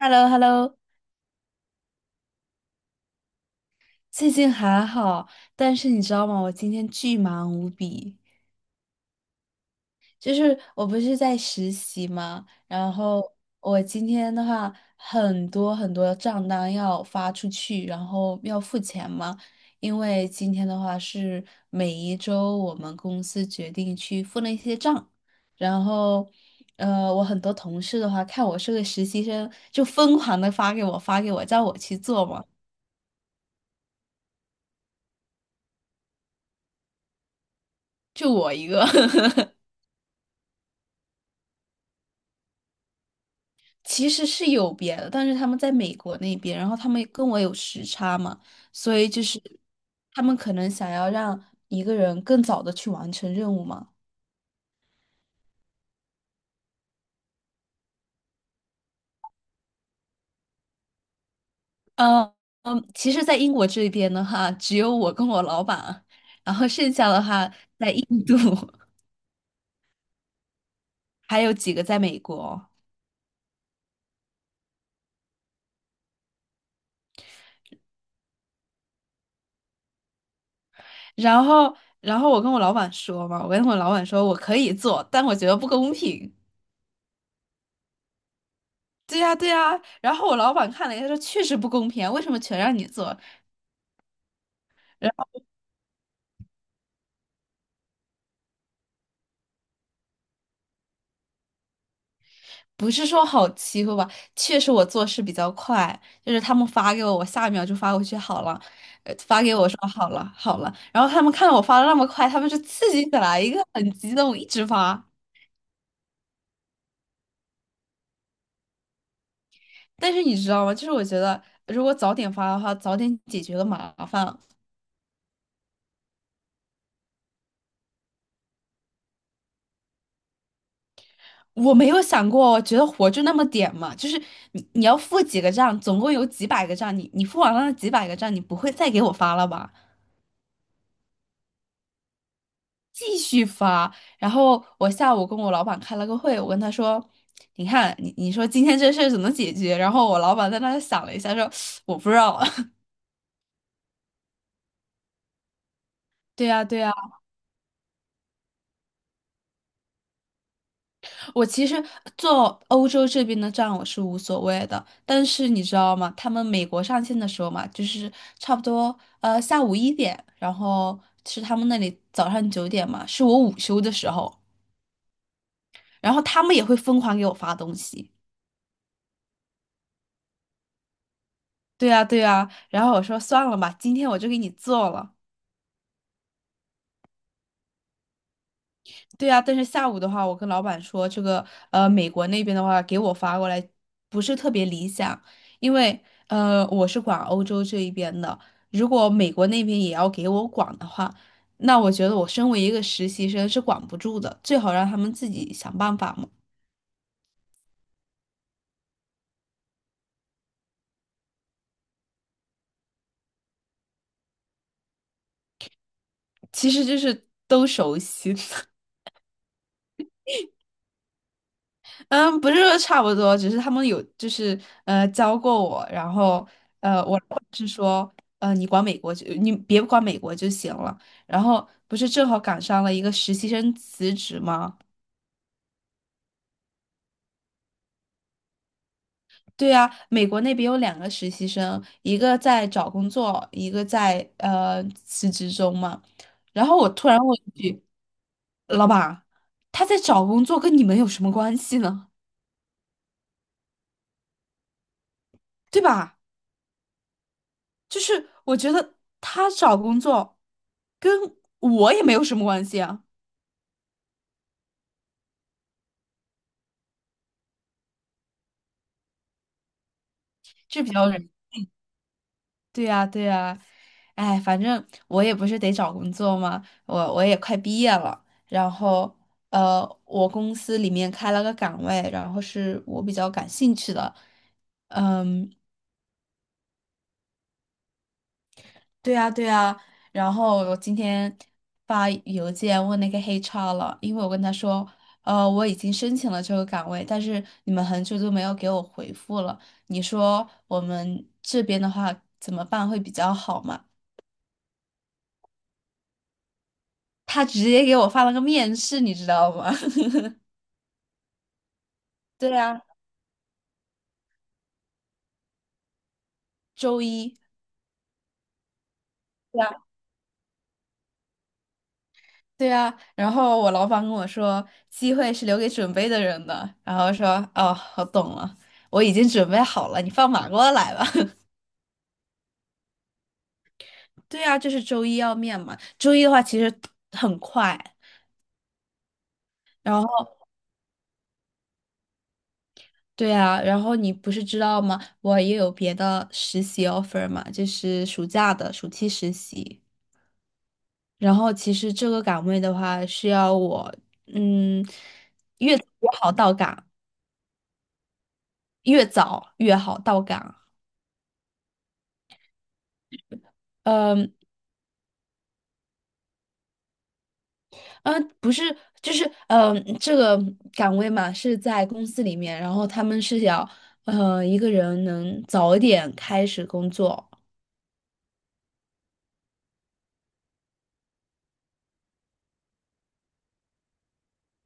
h e l l o h e l l o 最近还好，但是你知道吗？我今天巨忙无比，就是我不是在实习嘛，然后我今天的话，很多很多账单要发出去，然后要付钱嘛，因为今天的话是每一周我们公司决定去付那些账，然后。我很多同事的话，看我是个实习生，就疯狂的发给我，发给我，叫我去做嘛，就我一个。其实是有别的，但是他们在美国那边，然后他们跟我有时差嘛，所以就是他们可能想要让一个人更早的去完成任务嘛。嗯嗯，其实，在英国这边的话，只有我跟我老板，然后剩下的话在印度，还有几个在美国。然后，然后我跟我老板说嘛，我跟我老板说我可以做，但我觉得不公平。对呀，对呀。然后我老板看了一下说，确实不公平啊，为什么全让你做？不是说好欺负吧，确实我做事比较快，就是他们发给我，我下一秒就发过去好了，发给我说好了好了，然后他们看到我发的那么快，他们就刺激起来，一个很激动，一直发。但是你知道吗？就是我觉得如果早点发的话，早点解决了麻烦。我没有想过，我觉得活就那么点嘛，就是你要付几个账，总共有几百个账，你付完了那几百个账，你不会再给我发了吧？继续发。然后我下午跟我老板开了个会，我跟他说：“你看，你说今天这事儿怎么解决？”然后我老板在那想了一下，说：“我不知道。对呀，对呀，我其实做欧洲这边的账我是无所谓的，但是你知道吗？他们美国上线的时候嘛，就是差不多下午一点，然后是他们那里早上9点嘛，是我午休的时候，然后他们也会疯狂给我发东西。对呀，对呀，然后我说算了吧，今天我就给你做了。对啊，但是下午的话，我跟老板说，这个美国那边的话给我发过来不是特别理想，因为我是管欧洲这一边的，如果美国那边也要给我管的话，那我觉得我身为一个实习生是管不住的，最好让他们自己想办法嘛。其实就是都熟悉。嗯，不是说差不多，只是他们有就是教过我，然后我老板是说你别管美国就行了，然后不是正好赶上了一个实习生辞职吗？对啊，美国那边有2个实习生，一个在找工作，一个在辞职中嘛。然后我突然问一句，老板，他在找工作跟你们有什么关系呢？对吧？就是我觉得他找工作跟我也没有什么关系啊，这比较人。嗯，对呀，对呀，哎，反正我也不是得找工作嘛，我也快毕业了，然后我公司里面开了个岗位，然后是我比较感兴趣的，嗯。对啊，对啊，然后我今天发邮件问那个黑 r 了，因为我跟他说，我已经申请了这个岗位，但是你们很久都没有给我回复了，你说我们这边的话怎么办会比较好嘛？他直接给我发了个面试，你知道吗？对啊，周一。对啊，对啊，然后我老板跟我说，机会是留给准备的人的，然后说，哦，我懂了，我已经准备好了，你放马过来吧。对啊，就是周一要面嘛。周一的话其实很快，然后对啊，然后你不是知道吗？我也有别的实习 offer 嘛，就是暑假的暑期实习。然后其实这个岗位的话是要我，嗯，越早越好到岗，越早越好到岗。嗯嗯，不是，就是这个岗位嘛是在公司里面，然后他们是要，一个人能早一点开始工作。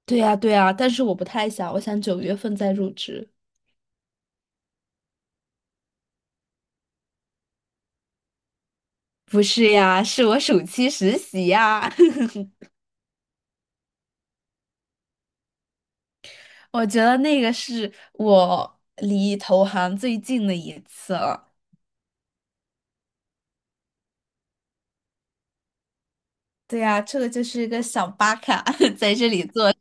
对呀，对呀，但是我不太想，我想九月份再入职。不是呀，是我暑期实习呀。我觉得那个是我离投行最近的一次了。对呀，这个就是一个小巴卡 在这里做，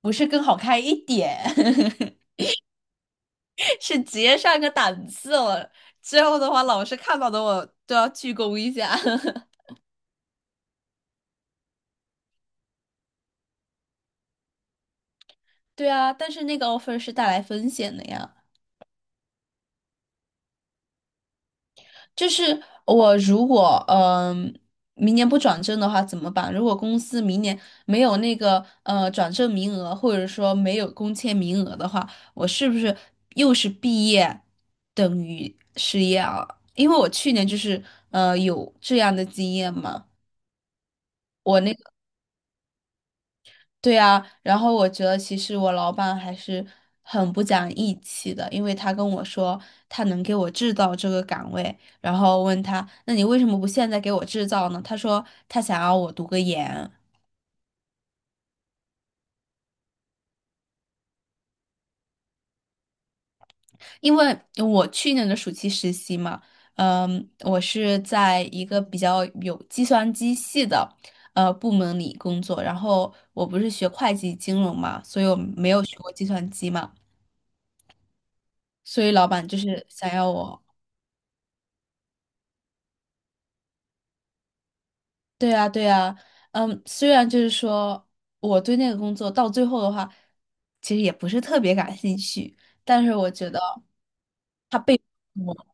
不是更好看一点，是直接上个档次了。之后的话，老师看到的我都要鞠躬一下。对啊，但是那个 offer 是带来风险的呀。就是我如果明年不转正的话怎么办？如果公司明年没有那个转正名额，或者说没有工签名额的话，我是不是又是毕业等于失业啊？因为我去年就是有这样的经验嘛。我那。对呀，然后我觉得其实我老板还是很不讲义气的，因为他跟我说他能给我制造这个岗位，然后问他，那你为什么不现在给我制造呢？他说他想要我读个研，因为我去年的暑期实习嘛，嗯，我是在一个比较有计算机系的部门里工作，然后我不是学会计金融嘛，所以我没有学过计算机嘛，所以老板就是想要我。对呀，对呀，嗯，虽然就是说我对那个工作到最后的话，其实也不是特别感兴趣，但是我觉得他背叛我，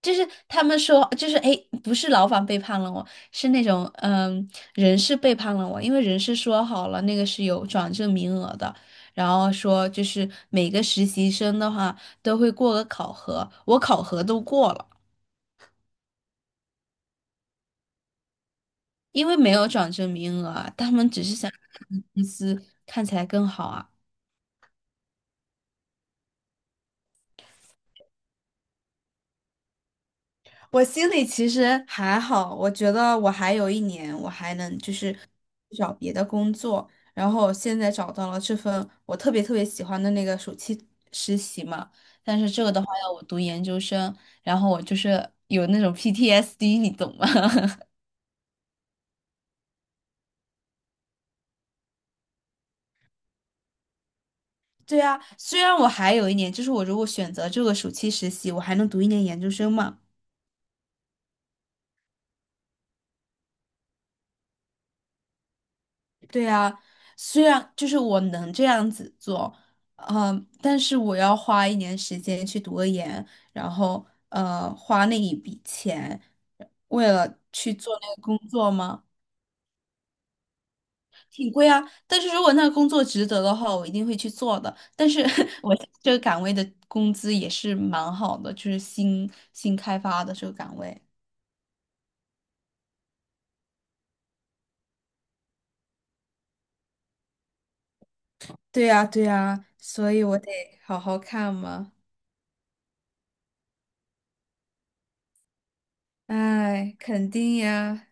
就是他们说，就是哎，诶不是老板背叛了我，是那种人事背叛了我，因为人事说好了那个是有转正名额的，然后说就是每个实习生的话都会过个考核，我考核都过了。因为没有涨这名额啊，他们只是想让公司看起来更好啊。我心里其实还好，我觉得我还有一年，我还能就是找别的工作。然后现在找到了这份我特别特别喜欢的那个暑期实习嘛，但是这个的话要我读研究生，然后我就是有那种 PTSD，你懂吗？对啊，虽然我还有一年，就是我如果选择这个暑期实习，我还能读一年研究生嘛。对啊，虽然就是我能这样子做，嗯，但是我要花一年时间去读个研，然后花那一笔钱，为了去做那个工作吗？挺贵啊，但是如果那个工作值得的话，我一定会去做的。但是 我这个岗位的工资也是蛮好的，就是新开发的这个岗位。对呀，对呀，所以我得好好看嘛。哎，肯定呀。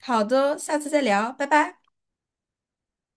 好的，下次再聊，拜拜。